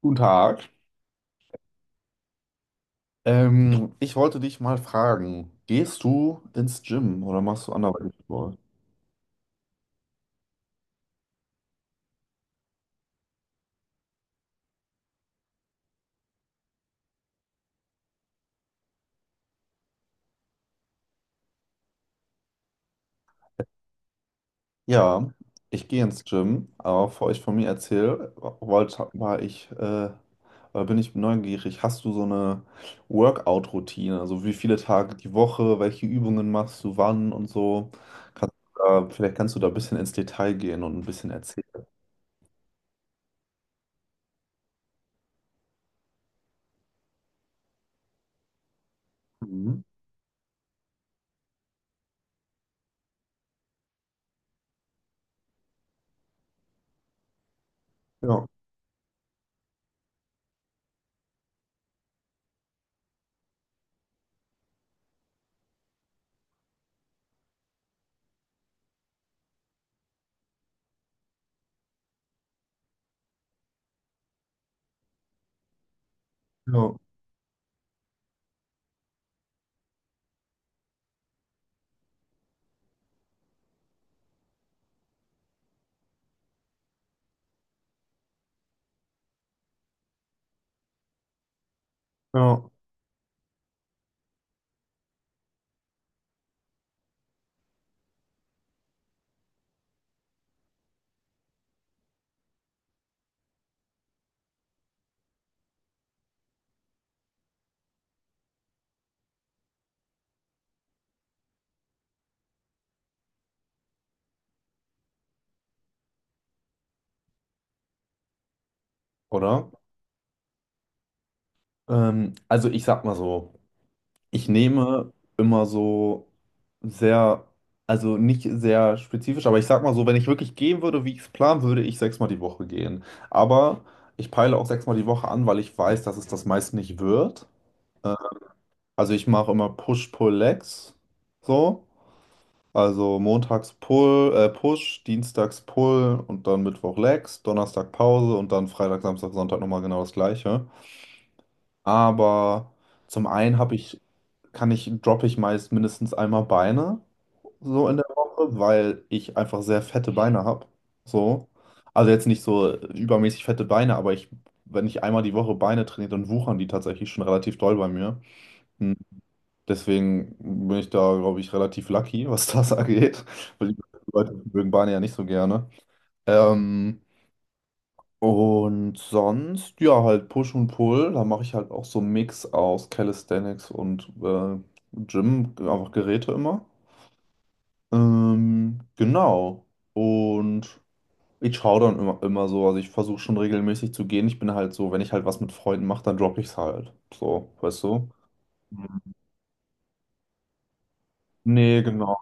Guten Tag. Ich wollte dich mal fragen, gehst du ins Gym oder machst du anderweitig Sport? Ja, ich gehe ins Gym, aber bevor ich von mir erzähle, wollte, war ich, äh, oder bin ich neugierig, hast du so eine Workout-Routine? Also wie viele Tage die Woche, welche Übungen machst du wann und so? Vielleicht kannst du da ein bisschen ins Detail gehen und ein bisschen erzählen. Mhm. Ja, ja, ja. Oder? Also ich sag mal so. Ich nehme immer so sehr, also nicht sehr spezifisch, aber ich sag mal so, wenn ich wirklich gehen würde, wie ich es planen würde, ich sechsmal die Woche gehen. Aber ich peile auch sechsmal die Woche an, weil ich weiß, dass es das meist nicht wird. Äh, Also ich mache immer Push-Pull-Legs. So. Also montags Pull, Push, dienstags Pull und dann Mittwoch Legs, Donnerstag Pause und dann Freitag, Samstag, Sonntag nochmal genau das gleiche. Aber zum einen habe ich, kann ich, droppe ich meist mindestens einmal Beine so in der Woche, weil ich einfach sehr fette Beine habe. So. Also jetzt nicht so übermäßig fette Beine, aber ich, wenn ich einmal die Woche Beine trainiere, dann wuchern die tatsächlich schon relativ doll bei mir. Hm. Deswegen bin ich da, glaube ich, relativ lucky, was das angeht. Weil die Leute mögen Beine ja nicht so gerne. Ähm, und sonst, ja, halt Push und Pull, da mache ich halt auch so einen Mix aus Calisthenics und Gym, einfach Geräte immer. Genau. Und ich schaue dann immer, immer so, also ich versuche schon regelmäßig zu gehen. Ich bin halt so, wenn ich halt was mit Freunden mache, dann droppe ich es halt. So, weißt du? Mhm. Nee, genau.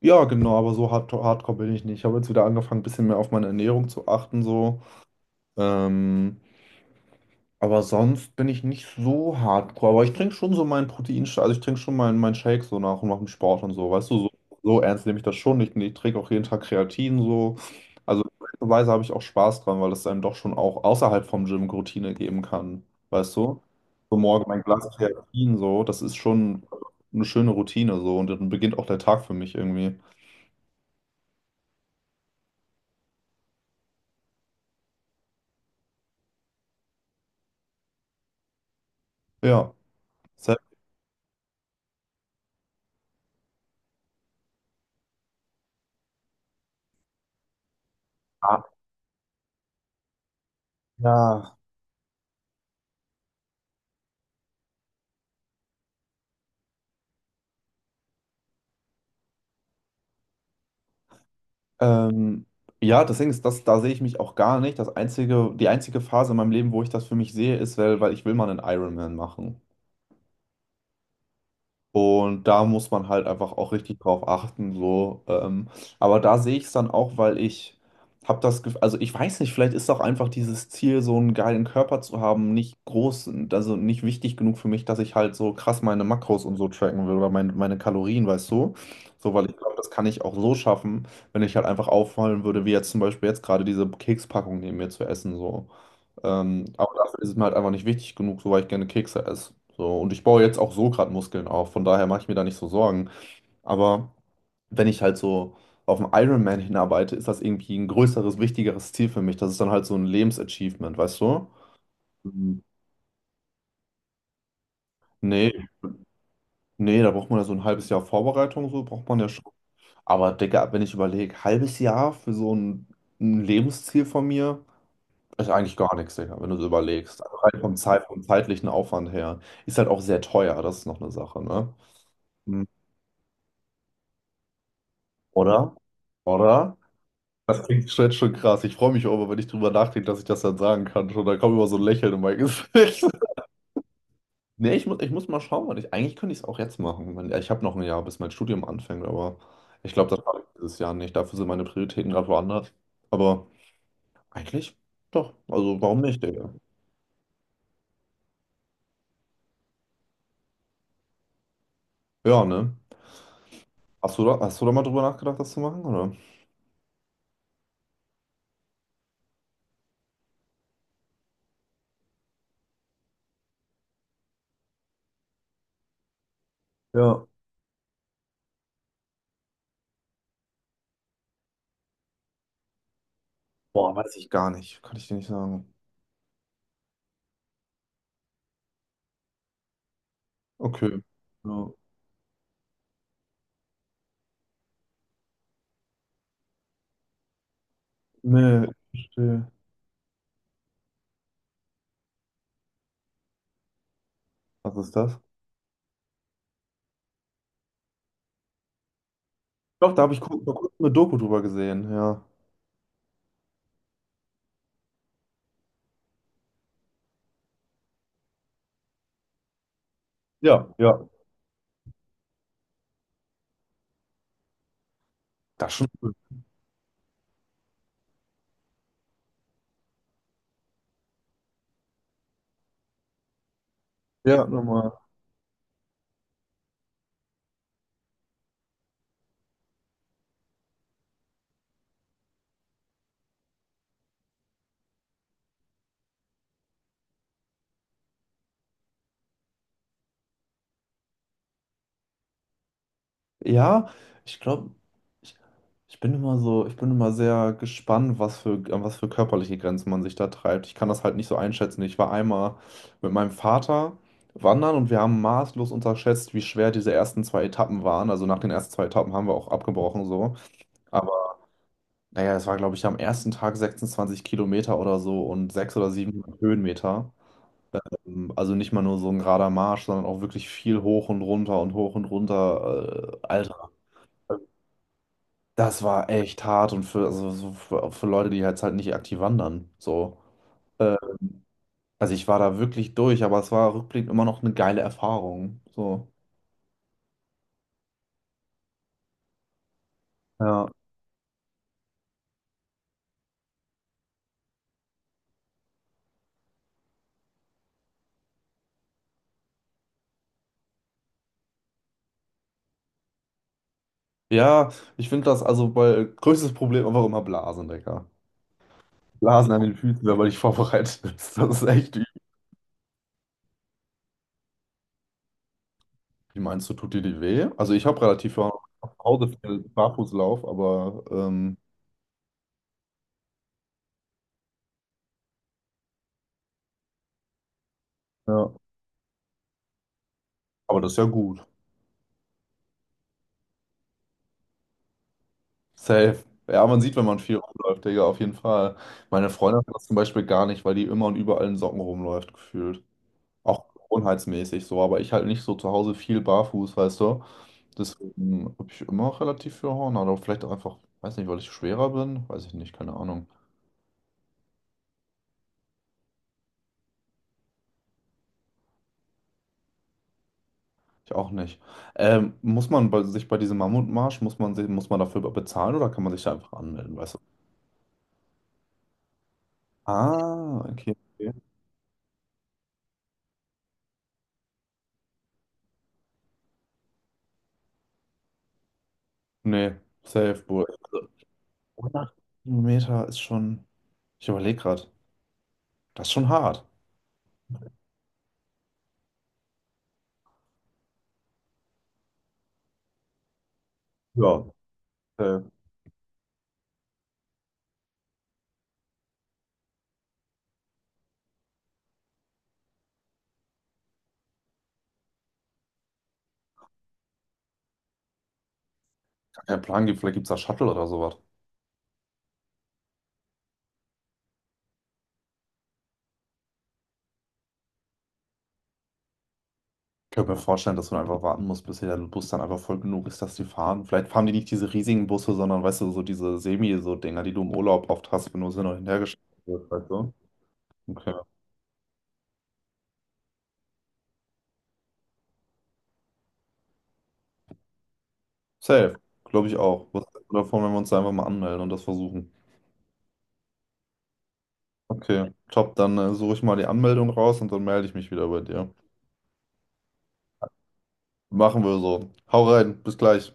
Ja, genau, aber so hardcore bin ich nicht. Ich habe jetzt wieder angefangen, ein bisschen mehr auf meine Ernährung zu achten, so. Ähm, Aber sonst bin ich nicht so hardcore. Aber ich trinke schon so meinen Proteinshake, also ich trinke schon meinen Shake so nach und nach dem Sport und so. Weißt du, so, so ernst nehme ich das schon nicht. Ich trinke auch jeden Tag Kreatin so. Also Weise habe ich auch Spaß dran, weil das einem doch schon auch außerhalb vom Gym Routine geben kann. Weißt du? So morgen mein Glas Kreatin so, das ist schon eine schöne Routine so und dann beginnt auch der Tag für mich irgendwie. Ja. Selbst- Ah, ja. Ähm, ja, deswegen ist, das, da sehe ich mich auch gar nicht. Das einzige, die einzige Phase in meinem Leben, wo ich das für mich sehe, ist, weil, ich will mal einen Ironman machen. Und da muss man halt einfach auch richtig drauf achten, so. Aber da sehe ich es dann auch, weil ich habe das Gefühl, also ich weiß nicht, vielleicht ist auch einfach dieses Ziel, so einen geilen Körper zu haben, nicht groß, also nicht wichtig genug für mich, dass ich halt so krass meine Makros und so tracken will oder meine Kalorien, weißt du? So, weil ich glaube, das kann ich auch so schaffen, wenn ich halt einfach auffallen würde, wie jetzt zum Beispiel jetzt gerade diese Kekspackung neben mir zu essen, so. Aber dafür ist es mir halt einfach nicht wichtig genug, so weil ich gerne Kekse esse. So, und ich baue jetzt auch so gerade Muskeln auf, von daher mache ich mir da nicht so Sorgen. Aber wenn ich halt so auf einen Ironman hinarbeite, ist das irgendwie ein größeres, wichtigeres Ziel für mich. Das ist dann halt so ein Lebensachievement, weißt du? Mhm. Nee, nee, da braucht man ja so ein halbes Jahr Vorbereitung, so braucht man ja schon. Aber Digga, wenn ich überlege, halbes Jahr für so ein Lebensziel von mir. Ist eigentlich gar nichts, Digga, wenn du so überlegst. Also rein vom Zeit, vom zeitlichen Aufwand her. Ist halt auch sehr teuer, das ist noch eine Sache, ne? Mhm. Oder? Oder? Das klingt schon, schon krass. Ich freue mich auch immer, wenn ich drüber nachdenke, dass ich das dann sagen kann. Schon, da kommt immer so ein Lächeln in mein Gesicht. Nee, ich muss mal schauen, weil ich, eigentlich könnte ich es auch jetzt machen. Ich habe noch ein Jahr, bis mein Studium anfängt, aber ich glaube, das mache ich dieses Jahr nicht. Dafür sind meine Prioritäten gerade woanders. Aber eigentlich doch. Also warum nicht, Digga? Ja, ne? Hast du da mal drüber nachgedacht, das zu machen, oder? Ja. Boah, weiß ich gar nicht. Kann ich dir nicht sagen. Okay. Ja. Nee, ich verstehe. Was ist das? Doch, da habe ich vor kurzem eine Doku drüber gesehen. Ja. Ja, ja. Das ist schon cool. Ja, nochmal. Ja, ich glaube, ich, ich bin immer so, ich bin immer sehr gespannt, was für, an was für körperliche Grenzen man sich da treibt. Ich kann das halt nicht so einschätzen. Ich war einmal mit meinem Vater wandern und wir haben maßlos unterschätzt, wie schwer diese ersten zwei Etappen waren. Also nach den ersten zwei Etappen haben wir auch abgebrochen so. Naja, es war, glaube ich, am ersten Tag 26 Kilometer oder so und sechs oder sieben Höhenmeter. Also nicht mal nur so ein gerader Marsch, sondern auch wirklich viel hoch und runter und hoch und runter. Alter, das war echt hart und also so für, Leute, die jetzt halt nicht aktiv wandern. So. Äh, also ich war da wirklich durch, aber es war rückblickend immer noch eine geile Erfahrung. So. Ja. Ja, ich finde das also bei größtes Problem einfach immer Blasen, Digga. Blasen an den Füßen, wenn man nicht vorbereitet ist. Das ist echt. Wie meinst du, tut dir die weh? Also ich habe relativ ja zu Hause viel Barfußlauf, aber ja. Aber das ist ja gut. Safe. Ja, man sieht, wenn man viel rumläuft, Digga, auf jeden Fall. Meine Freundin hat das zum Beispiel gar nicht, weil die immer und überall in Socken rumläuft, gefühlt. Auch gewohnheitsmäßig so, aber ich halt nicht so zu Hause viel barfuß, weißt du. Deswegen habe ich immer relativ viel Horn, aber vielleicht auch einfach, weiß nicht, weil ich schwerer bin, weiß ich nicht, keine Ahnung. Ich auch nicht. Muss man bei, sich bei diesem Mammutmarsch, muss man, sich, muss man dafür bezahlen oder kann man sich da einfach anmelden, weißt du? Ah, okay, okay. Nee, safe, Bull. Also, 100 Kilometer ist schon, ich überlege gerade, das ist schon hart. Ja. Äh, Gar keinen Plan gibt, vielleicht gibt es da Shuttle oder sowas. Ich könnte mir vorstellen, dass man einfach warten muss, bis der Bus dann einfach voll genug ist, dass die fahren. Vielleicht fahren die nicht diese riesigen Busse, sondern, weißt du, so diese Semi-so-Dinger, die du im Urlaub oft hast, wenn du sie noch hinterhergeschickt wirst, weißt du? Okay. Safe, glaube ich auch. Was hältst du davon, wenn wir uns einfach mal anmelden und das versuchen? Okay, top, dann suche ich mal die Anmeldung raus und dann melde ich mich wieder bei dir. Machen wir so. Hau rein, bis gleich.